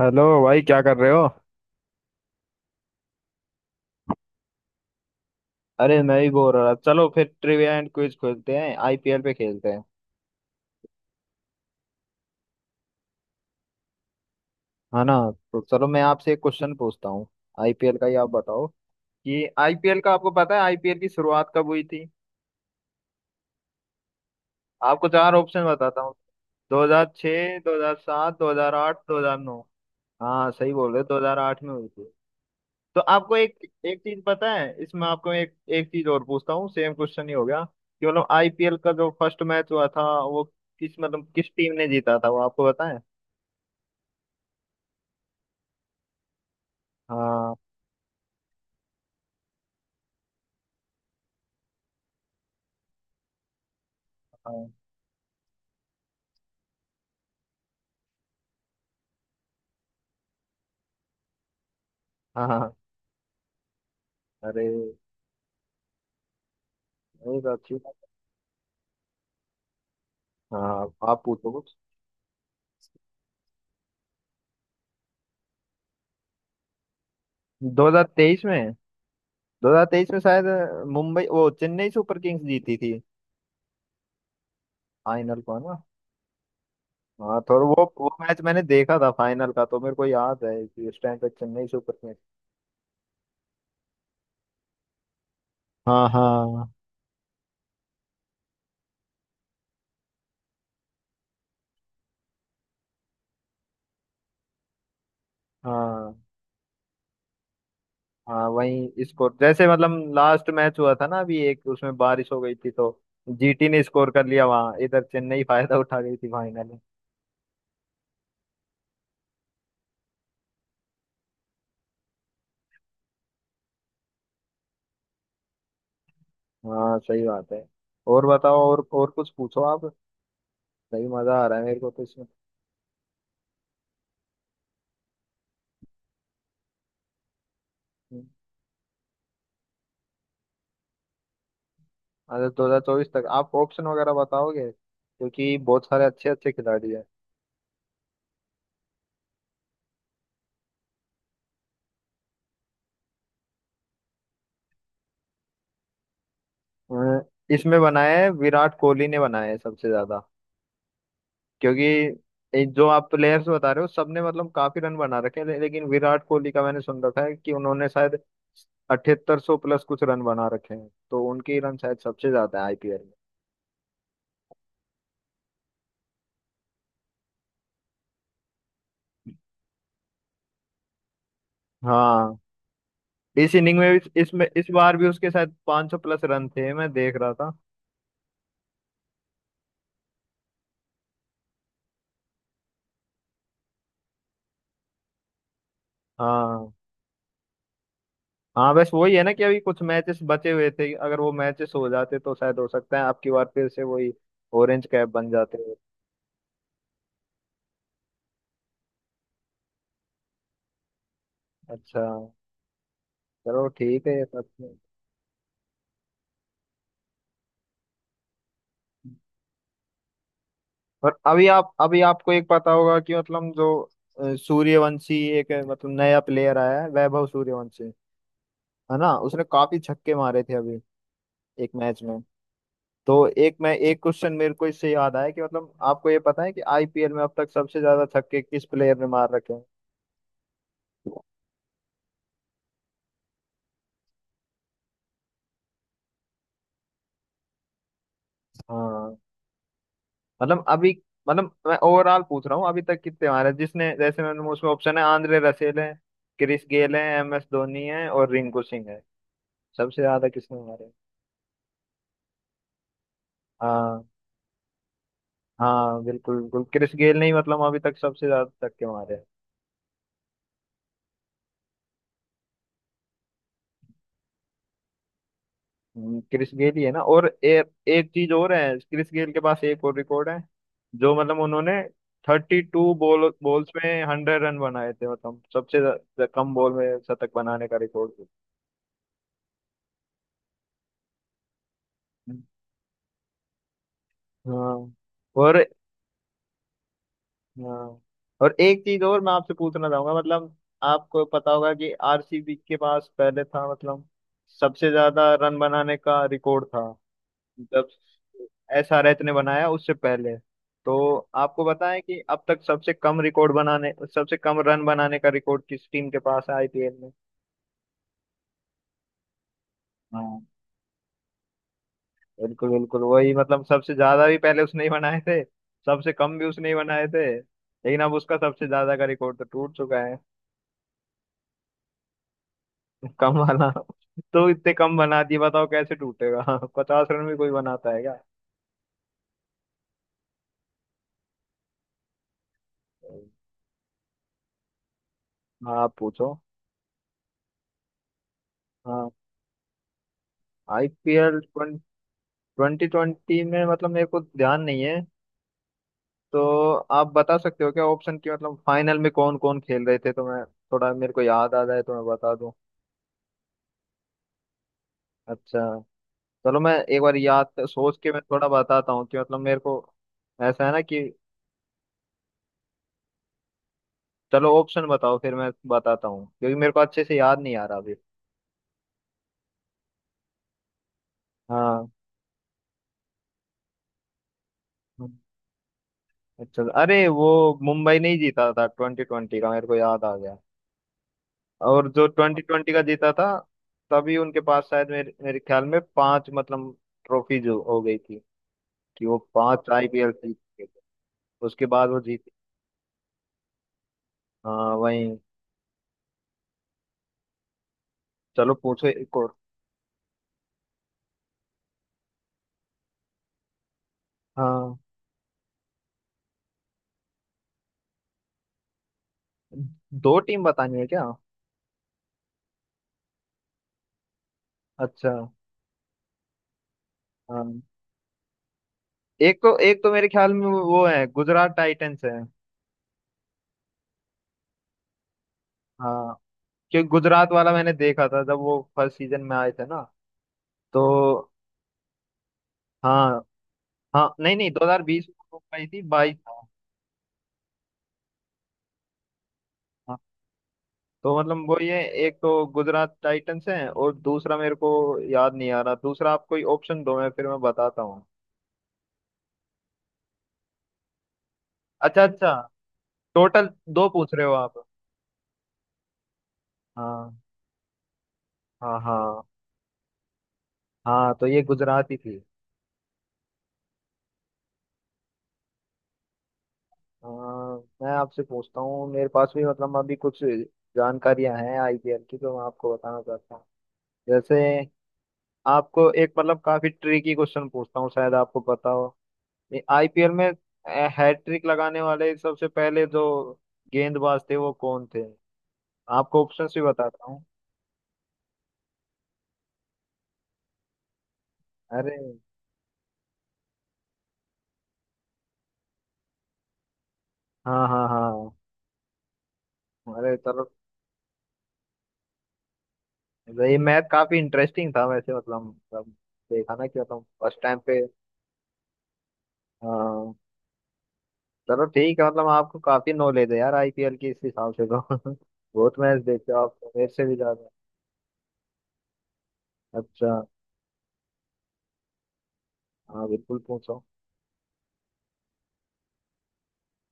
Hello भाई, क्या कर रहे हो? अरे, मैं भी बोर हो रहा। चलो, फिर ट्रिविया एंड क्विज खेलते हैं, आईपीएल पे खेलते हैं, है ना? तो चलो, मैं आपसे एक क्वेश्चन पूछता हूँ, आईपीएल का ही। आप बताओ कि आईपीएल का आपको पता है, आईपीएल की शुरुआत कब हुई थी? आपको चार ऑप्शन बताता हूँ: 2006, 2007, 2008, 2009। हाँ, सही बोल रहे हो, 2008 में हुई थी। तो आपको एक एक चीज पता है इसमें। आपको एक एक चीज और पूछता हूँ। सेम क्वेश्चन ही हो गया कि मतलब आईपीएल का जो फर्स्ट मैच हुआ था वो किस टीम ने जीता था, वो आपको पता है? हाँ, हाँ, हाँ, हाँ। अरे ये तो अच्छी बात। हाँ, आप पूछो कुछ। 2023 में? शायद मुंबई वो चेन्नई सुपर किंग्स जीती थी फाइनल को, है ना? हाँ, थोड़ा वो मैच मैंने देखा था फाइनल का, तो मेरे को याद है कि उस टाइम पे चेन्नई सुपर किंग्स। हाँ हाँ, हाँ। हाँ, वही स्कोर जैसे, मतलब लास्ट मैच हुआ था ना अभी एक, उसमें बारिश हो गई थी, तो जीटी ने स्कोर कर लिया वहां, इधर चेन्नई फायदा उठा गई थी फाइनल में। हाँ, सही बात है। और बताओ, और कुछ पूछो आप। सही मजा आ रहा है मेरे को तो इसमें। हम्म, अच्छा, 2024 तक? आप ऑप्शन वगैरह बताओगे, क्योंकि बहुत सारे अच्छे अच्छे खिलाड़ी हैं। अ, इसमें बनाया है, विराट कोहली ने बनाया है सबसे ज्यादा। क्योंकि ये जो आप प्लेयर्स बता रहे हो, सबने मतलब काफी रन बना रखे हैं, लेकिन विराट कोहली का मैंने सुन रखा है कि उन्होंने शायद 7800 प्लस कुछ रन बना रखे हैं, तो उनके रन शायद सबसे ज्यादा है आईपीएल में। हाँ, इस इनिंग में भी, इसमें इस बार भी उसके शायद 500 प्लस रन थे, मैं देख रहा था। हाँ, हाँ, बस वही है ना, कि अभी कुछ मैचेस बचे हुए थे, अगर वो मैचेस हो जाते तो शायद हो सकता है आपकी बार फिर से वही ऑरेंज कैप बन जाते। अच्छा, चलो, ठीक है ये सब। और अभी आप, अभी आपको एक पता होगा कि मतलब जो सूर्यवंशी, एक मतलब नया प्लेयर आया है, वैभव सूर्यवंशी, है ना? उसने काफी छक्के मारे थे अभी एक मैच में। तो एक, मैं एक क्वेश्चन मेरे को इससे याद आया कि मतलब आपको ये पता है कि आईपीएल में अब तक सबसे ज्यादा छक्के किस प्लेयर ने मार रखे हैं? हाँ, मतलब अभी, मतलब मैं ओवरऑल पूछ रहा हूँ अभी तक कितने मारे हैं? जिसने, जैसे मैंने उसमें ऑप्शन है: आंद्रे रसेल है, क्रिस गेल है, एम एस धोनी है और रिंकू सिंह है। सबसे ज्यादा किसने मारे? हाँ, हाँ, बिल्कुल, बिल्कुल, क्रिस गेल ने ही मतलब अभी तक सबसे ज्यादा छक्के मारे हैं। क्रिस गेल ही है, ना? और एक चीज और है, क्रिस गेल के पास एक और रिकॉर्ड है, जो मतलब उन्होंने 32 बॉल्स में 100 रन बनाए थे, मतलब सबसे ज्या- ज्या- कम बॉल में शतक बनाने का रिकॉर्ड है। हाँ, और हाँ, और एक चीज और मैं आपसे पूछना चाहूंगा, मतलब आपको पता होगा कि आरसीबी के पास पहले था मतलब सबसे ज्यादा रन बनाने का रिकॉर्ड, था जब एसआरएच ने बनाया उससे पहले। तो आपको बताएं कि अब तक सबसे कम रन बनाने का रिकॉर्ड किस टीम के पास है आईपीएल में? हाँ, बिल्कुल, बिल्कुल, वही मतलब सबसे ज्यादा भी पहले उसने ही बनाए थे, सबसे कम भी उसने ही बनाए थे, लेकिन अब उसका सबसे ज्यादा का रिकॉर्ड तो टूट चुका है। कम वाला, तो इतने कम बना दिए, बताओ कैसे टूटेगा? 50 रन भी कोई बनाता है क्या? हाँ, आप पूछो। हाँ, आईपीएल 2020 में मतलब मेरे को ध्यान नहीं है, तो आप बता सकते हो क्या ऑप्शन, की मतलब फाइनल में कौन कौन खेल रहे थे, तो मैं थोड़ा, मेरे को याद आ जाए तो मैं बता दूं। अच्छा, चलो, मैं एक बार सोच के मैं थोड़ा बताता हूँ कि मतलब मेरे को ऐसा है ना कि। चलो, ऑप्शन बताओ फिर मैं बताता हूँ, क्योंकि मेरे को अच्छे से याद नहीं आ रहा अभी। हाँ, हम्म, अच्छा, अरे वो मुंबई नहीं जीता था 2020 का, मेरे को याद आ गया। और जो 2020 का जीता था, तभी उनके पास शायद मेरे मेरे ख्याल में पांच मतलब ट्रॉफी जो हो गई थी, कि वो पांच आईपीएल जीत के उसके बाद वो जीती। हाँ, वही। चलो, पूछो एक और। हाँ, दो टीम बतानी है क्या? अच्छा, हाँ, एक तो मेरे ख्याल में वो है गुजरात टाइटंस है। हाँ, क्योंकि गुजरात वाला मैंने देखा था जब वो फर्स्ट सीजन में आए थे, ना? तो हाँ, हाँ, नहीं, नहीं, 2020 में आई थी, 22 था। हाँ, तो मतलब वो ये, एक तो गुजरात टाइटंस है, और दूसरा मेरे को याद नहीं आ रहा। दूसरा आप कोई ऑप्शन दो, मैं फिर मैं बताता हूँ। अच्छा, अच्छा। टोटल दो पूछ रहे हो आप? हाँ, हाँ, हाँ, हाँ, तो ये गुजराती थी। आ, मैं आपसे पूछता हूँ। मेरे पास भी मतलब अभी कुछ जानकारियां हैं आईपीएल की, तो मैं आपको बताना चाहता हूँ। जैसे आपको एक, मतलब काफी ट्रिकी क्वेश्चन पूछता हूँ, शायद आपको पता हो। आईपीएल में हैट्रिक लगाने वाले सबसे पहले जो गेंदबाज थे, वो कौन थे? आपको ऑप्शन भी बताता हूँ। अरे, हाँ, हाँ, हाँ। अरे चलो, ये मैथ काफी इंटरेस्टिंग था वैसे, मतलब देखा ना कि मतलब फर्स्ट टाइम पे। हाँ, चलो, ठीक है, मतलब आपको काफी नॉलेज है यार आईपीएल की, इस हिसाब से तो बहुत मैच देखते हो आप तो, मेरे से भी ज्यादा। अच्छा। हाँ, बिल्कुल, पूछो।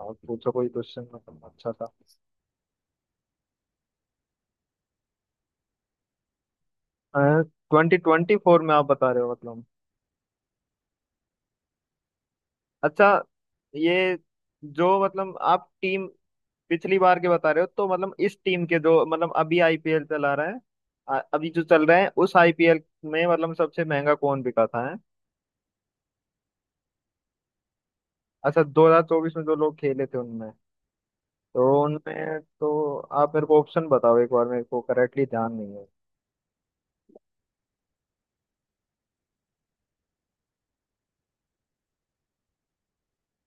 आप पूछो कोई क्वेश्चन, मतलब अच्छा था। 2024 में आप बता रहे हो मतलब? अच्छा, ये जो मतलब आप टीम पिछली बार के बता रहे हो, तो मतलब इस टीम के, जो मतलब अभी आईपीएल चला रहा है, अभी जो चल रहा है उस आईपीएल में, मतलब सबसे महंगा कौन बिका था, है? अच्छा, 2024 में जो लोग खेले थे उनमें, तो उनमें तो आप मेरे को ऑप्शन बताओ एक बार, मेरे को करेक्टली ध्यान नहीं है।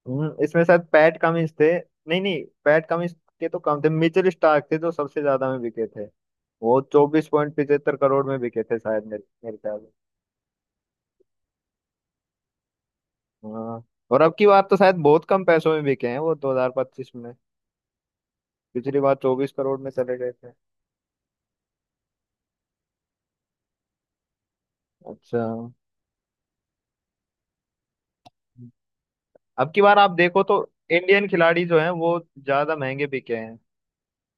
इसमें शायद पैट कमिंस थे, नहीं, नहीं, पैट कमिंस के तो कम थे। मिचेल स्टार्क थे जो सबसे ज्यादा में बिके थे। वो 24.75 करोड़ में बिके थे शायद, मेरे मेरे ख्याल में। हाँ। और अब की बार तो शायद बहुत कम पैसों में बिके हैं वो 2025 में। पिछली बार 24 करोड़ में चले गए थे। अच्छा। अब की बार आप देखो तो, इंडियन खिलाड़ी जो हैं वो ज्यादा महंगे बिके हैं,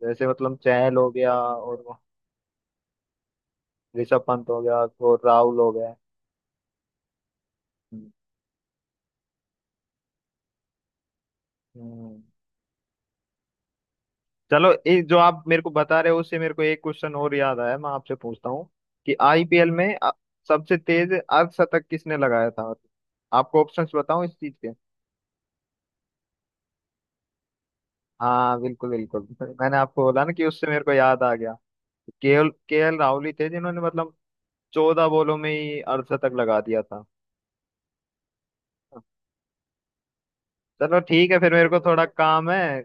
जैसे मतलब चहल हो गया, और वो ऋषभ पंत हो गया, और राहुल हो गया। हम्म। हम्म। चलो, ये जो आप मेरे को बता रहे हो उससे मेरे को एक क्वेश्चन और याद आया, मैं आपसे पूछता हूँ कि आईपीएल में सबसे तेज अर्धशतक किसने लगाया था? आपको ऑप्शंस बताऊं इस चीज के? हाँ, बिल्कुल, बिल्कुल, मैंने आपको बोला ना कि उससे मेरे को याद आ गया। केएल केएल राहुल ही थे जिन्होंने मतलब 14 बॉलों में ही 68 तक लगा दिया था। चलो, ठीक है फिर, मेरे को थोड़ा काम है।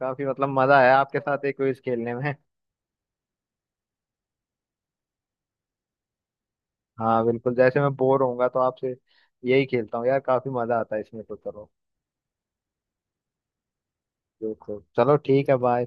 काफी मतलब मजा आया आपके साथ एक क्विज खेलने में। हाँ, बिल्कुल, जैसे मैं बोर होऊंगा तो आपसे यही खेलता हूँ यार, काफी मजा आता है इसमें, तो चलो, बिल्कुल। चलो, ठीक है, बाय।